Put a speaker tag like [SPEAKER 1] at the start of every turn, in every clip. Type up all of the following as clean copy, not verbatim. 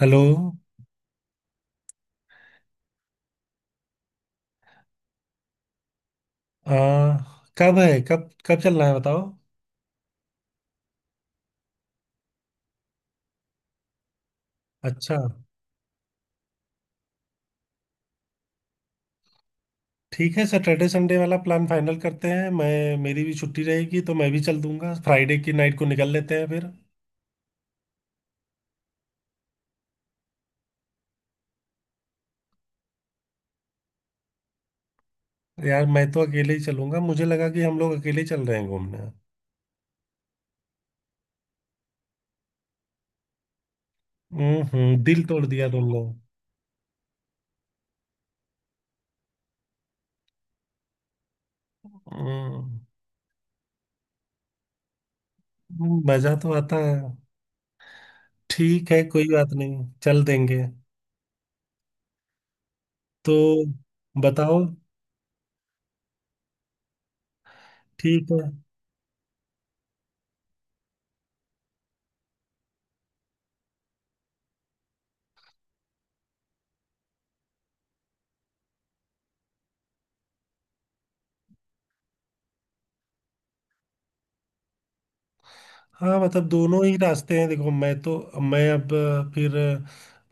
[SPEAKER 1] Hello. आ, कब है, कब कब चलना है बताओ। अच्छा, ठीक है। सैटरडे संडे वाला प्लान फाइनल करते हैं, मैं मेरी भी छुट्टी रहेगी तो मैं भी चल दूंगा। फ्राइडे की नाइट को निकल लेते हैं फिर। यार मैं तो अकेले ही चलूंगा। मुझे लगा कि हम लोग अकेले ही चल रहे हैं घूमने। हम्म, दिल तोड़ दिया तुमने। हम्म, मजा तो आता है। ठीक है, कोई बात नहीं, चल देंगे। तो बताओ। ठीक है। हाँ, मतलब दोनों ही रास्ते हैं, देखो मैं तो। मैं अब फिर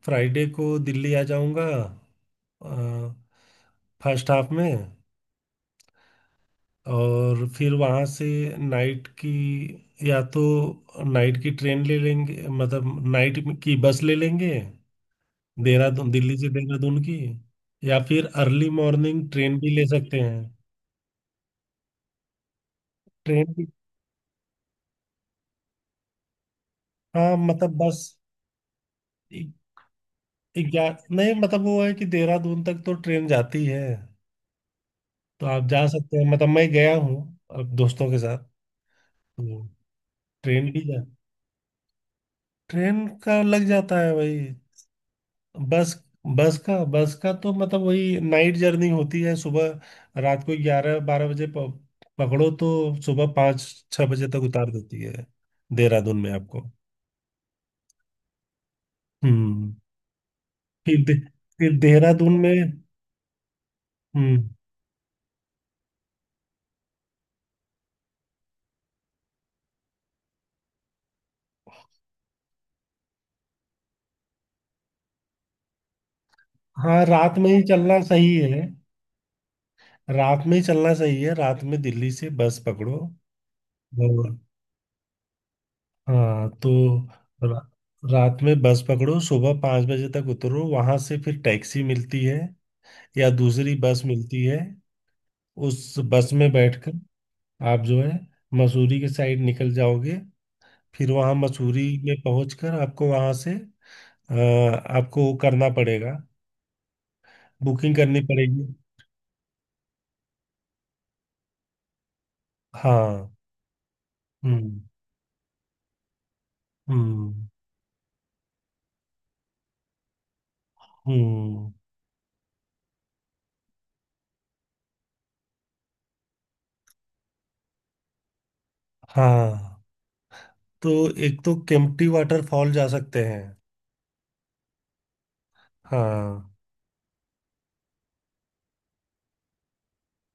[SPEAKER 1] फ्राइडे को दिल्ली आ जाऊंगा। फर्स्ट हाफ में। और फिर वहाँ से नाइट की, या तो नाइट की ट्रेन ले लेंगे, मतलब नाइट की बस ले लेंगे देहरादून, दिल्ली से देहरादून की। या फिर अर्ली मॉर्निंग ट्रेन भी ले सकते हैं। ट्रेन भी। हाँ मतलब बस। 11 नहीं, मतलब वो है कि देहरादून तक तो ट्रेन जाती है। तो आप जा सकते हैं, मतलब मैं गया हूँ। अब दोस्तों के साथ। तो। ट्रेन भी जा, ट्रेन का लग जाता है वही। बस। बस का तो मतलब वही नाइट जर्नी होती है, सुबह रात को 11 12 बजे पकड़ो तो सुबह 5 6 बजे तक उतार देती है देहरादून में आपको। हम्म। फिर दे, फिर देहरादून में। हम्म। हाँ, रात में ही चलना सही है। रात में ही चलना सही है, रात में दिल्ली से बस पकड़ो। हाँ तो। रा, रात में बस पकड़ो, सुबह 5 बजे तक उतरो, वहां से फिर टैक्सी मिलती है या दूसरी बस मिलती है। उस बस में बैठकर आप जो है मसूरी के साइड निकल जाओगे। फिर वहां मसूरी में पहुंचकर आपको वहां से अ, आपको वो करना पड़ेगा, बुकिंग करनी पड़ेगी। हाँ। हम्म, हम्म, हम्म। हाँ तो एक तो केम्प्टी वाटरफॉल जा सकते हैं। हाँ।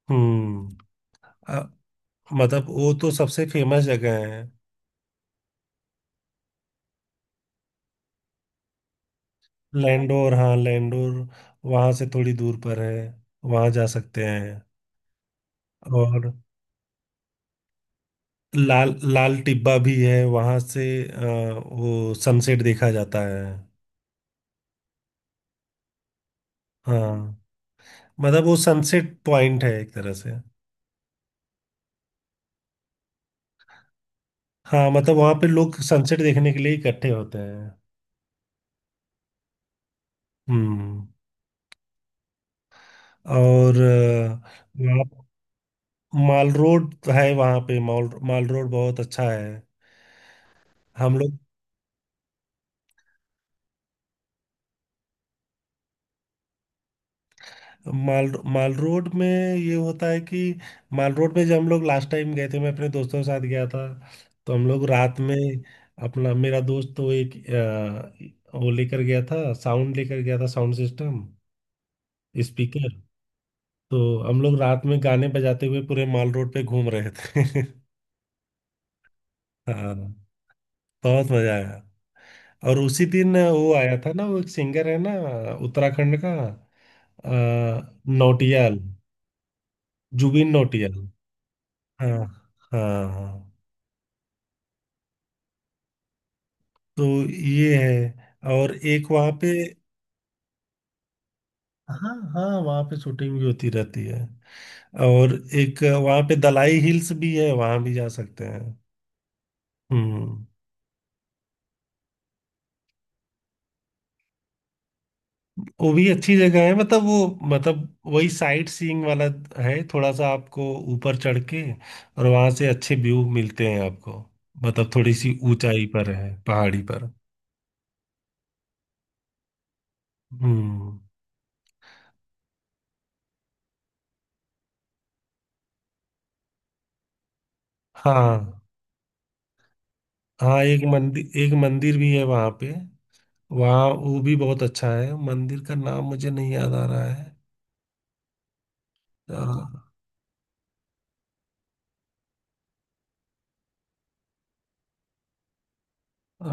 [SPEAKER 1] हम्म, मतलब वो तो सबसे फेमस जगह है। लैंडोर, हाँ लैंडोर वहां से थोड़ी दूर पर है, वहां जा सकते हैं। और लाल लाल टिब्बा भी है वहां से, वो सनसेट देखा जाता है। हाँ, मतलब वो सनसेट पॉइंट है एक तरह से। हाँ, मतलब वहां पे लोग सनसेट देखने के लिए इकट्ठे होते हैं। हम्म। और वहाँ माल रोड है, वहां पे माल माल रोड बहुत अच्छा है। हम लोग। माल माल रोड में ये होता है कि माल रोड में, जब हम लोग लास्ट टाइम गए थे, मैं अपने दोस्तों के साथ गया था। तो हम लोग रात में, अपना मेरा दोस्त तो एक वो लेकर गया था, साउंड लेकर गया था, साउंड सिस्टम, स्पीकर। तो हम लोग रात में गाने बजाते हुए पूरे माल रोड पे घूम रहे थे। हाँ, बहुत मजा आया। और उसी दिन वो आया था ना, वो एक सिंगर है ना, उत्तराखंड का, अ, नौटियाल, जुबिन नौटियाल। हाँ हाँ हाँ। तो ये है, और एक वहाँ पे। हाँ हाँ, वहाँ पे शूटिंग भी होती रहती है। और एक वहाँ पे दलाई हिल्स भी है, वहाँ भी जा सकते हैं। हम्म। वो भी अच्छी जगह है, मतलब वो, मतलब वही साइट सीइंग वाला है, थोड़ा सा आपको ऊपर चढ़ के और वहाँ से अच्छे व्यू मिलते हैं आपको। मतलब थोड़ी सी ऊंचाई पर है, पहाड़ी पर। हम्म। हाँ हाँ, एक मंदिर भी है वहाँ पे। वहाँ वो भी बहुत अच्छा है, मंदिर का नाम मुझे नहीं याद आ रहा है। अ, अ,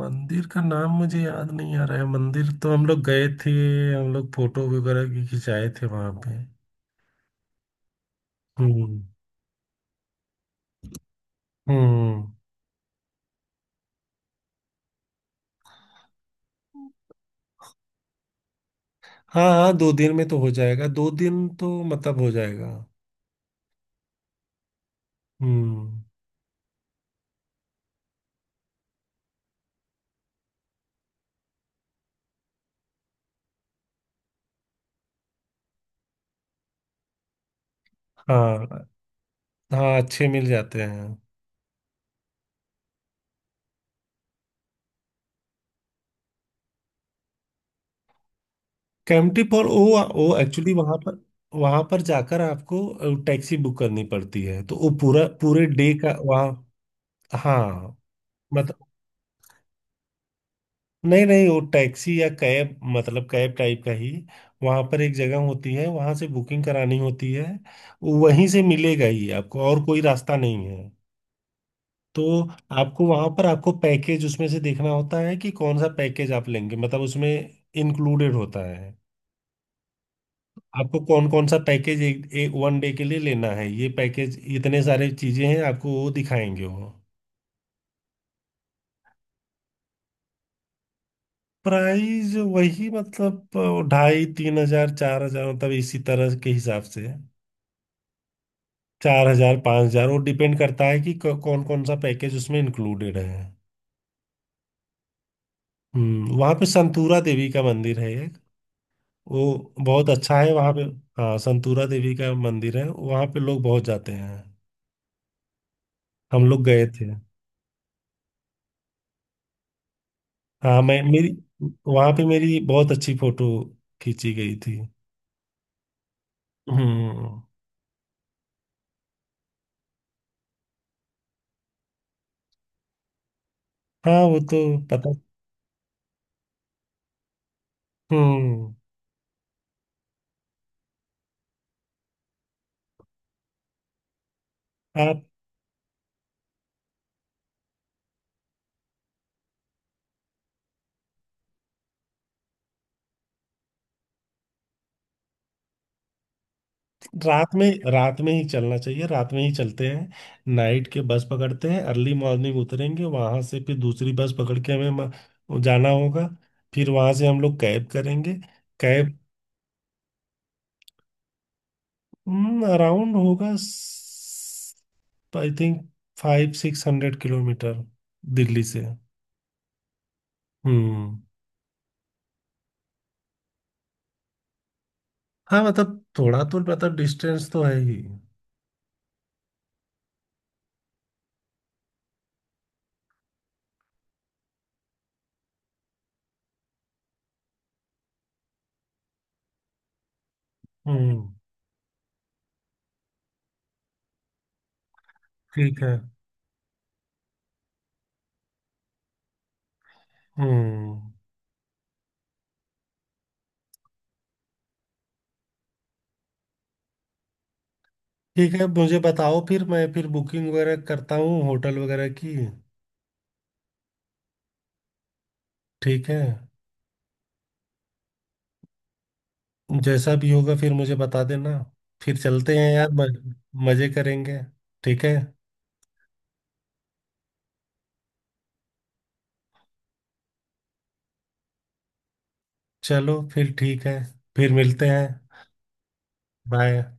[SPEAKER 1] मंदिर का नाम मुझे याद नहीं आ रहा है, मंदिर तो हम लोग गए थे। हम लोग फोटो वगैरह भी खिंचाए थे वहां पे। हम्म, हम्म। हाँ हाँ, 2 दिन में तो हो जाएगा, 2 दिन तो मतलब हो जाएगा। हम्म। हाँ हाँ, अच्छे मिल जाते हैं। कैंपटी फॉर, वो एक्चुअली वहां पर, वहां पर जाकर आपको टैक्सी बुक करनी पड़ती है, तो वो पूरा पूरे डे का वहाँ। हाँ मतलब। नहीं नहीं, वो टैक्सी या कैब, मतलब कैब टाइप का ही। वहां पर एक जगह होती है, वहां से बुकिंग करानी होती है। वहीं से मिलेगा ही आपको, और कोई रास्ता नहीं है। तो। आपको वहां पर, आपको पैकेज उसमें से देखना होता है कि कौन सा पैकेज आप लेंगे, मतलब उसमें इंक्लूडेड होता है। आपको कौन कौन सा पैकेज एक वन डे के लिए लेना है, ये पैकेज इतने सारे चीजें हैं, आपको वो दिखाएंगे वो। प्राइस वही, मतलब ढाई 3 हजार, 4 हजार, मतलब इसी तरह के हिसाब से है। 4 हजार, 5 हजार, वो डिपेंड करता है कि कौन कौन सा पैकेज उसमें इंक्लूडेड है। हम्म, वहाँ पे संतूरा देवी का मंदिर है एक, वो बहुत अच्छा है वहाँ पे। हाँ, संतूरा देवी का मंदिर है वहाँ पे, लोग बहुत जाते हैं। हम लोग गए थे। हाँ, मैं मेरी वहाँ पे मेरी बहुत अच्छी फोटो खींची गई थी। हम्म। हाँ, वो तो पता। हम्म। रात में, रात में ही चलना चाहिए, रात में ही चलते हैं, नाइट के बस पकड़ते हैं, अर्ली मॉर्निंग उतरेंगे वहां से, फिर दूसरी बस पकड़ के हमें जाना होगा। फिर वहां से हम लोग कैब करेंगे, कैब। अराउंड होगा I think five six hundred kilometre Delhi से। हम्म। हाँ, मतलब थोड़ा तो, मतलब डिस्टेंस तो है ही। हम्म। ठीक है। हम्म। ठीक है, मुझे बताओ फिर, मैं फिर बुकिंग वगैरह करता हूँ होटल वगैरह की। ठीक है। जैसा भी होगा, फिर मुझे बता देना। फिर चलते हैं यार, मजे करेंगे। ठीक है। चलो, फिर ठीक है। फिर मिलते हैं। बाय।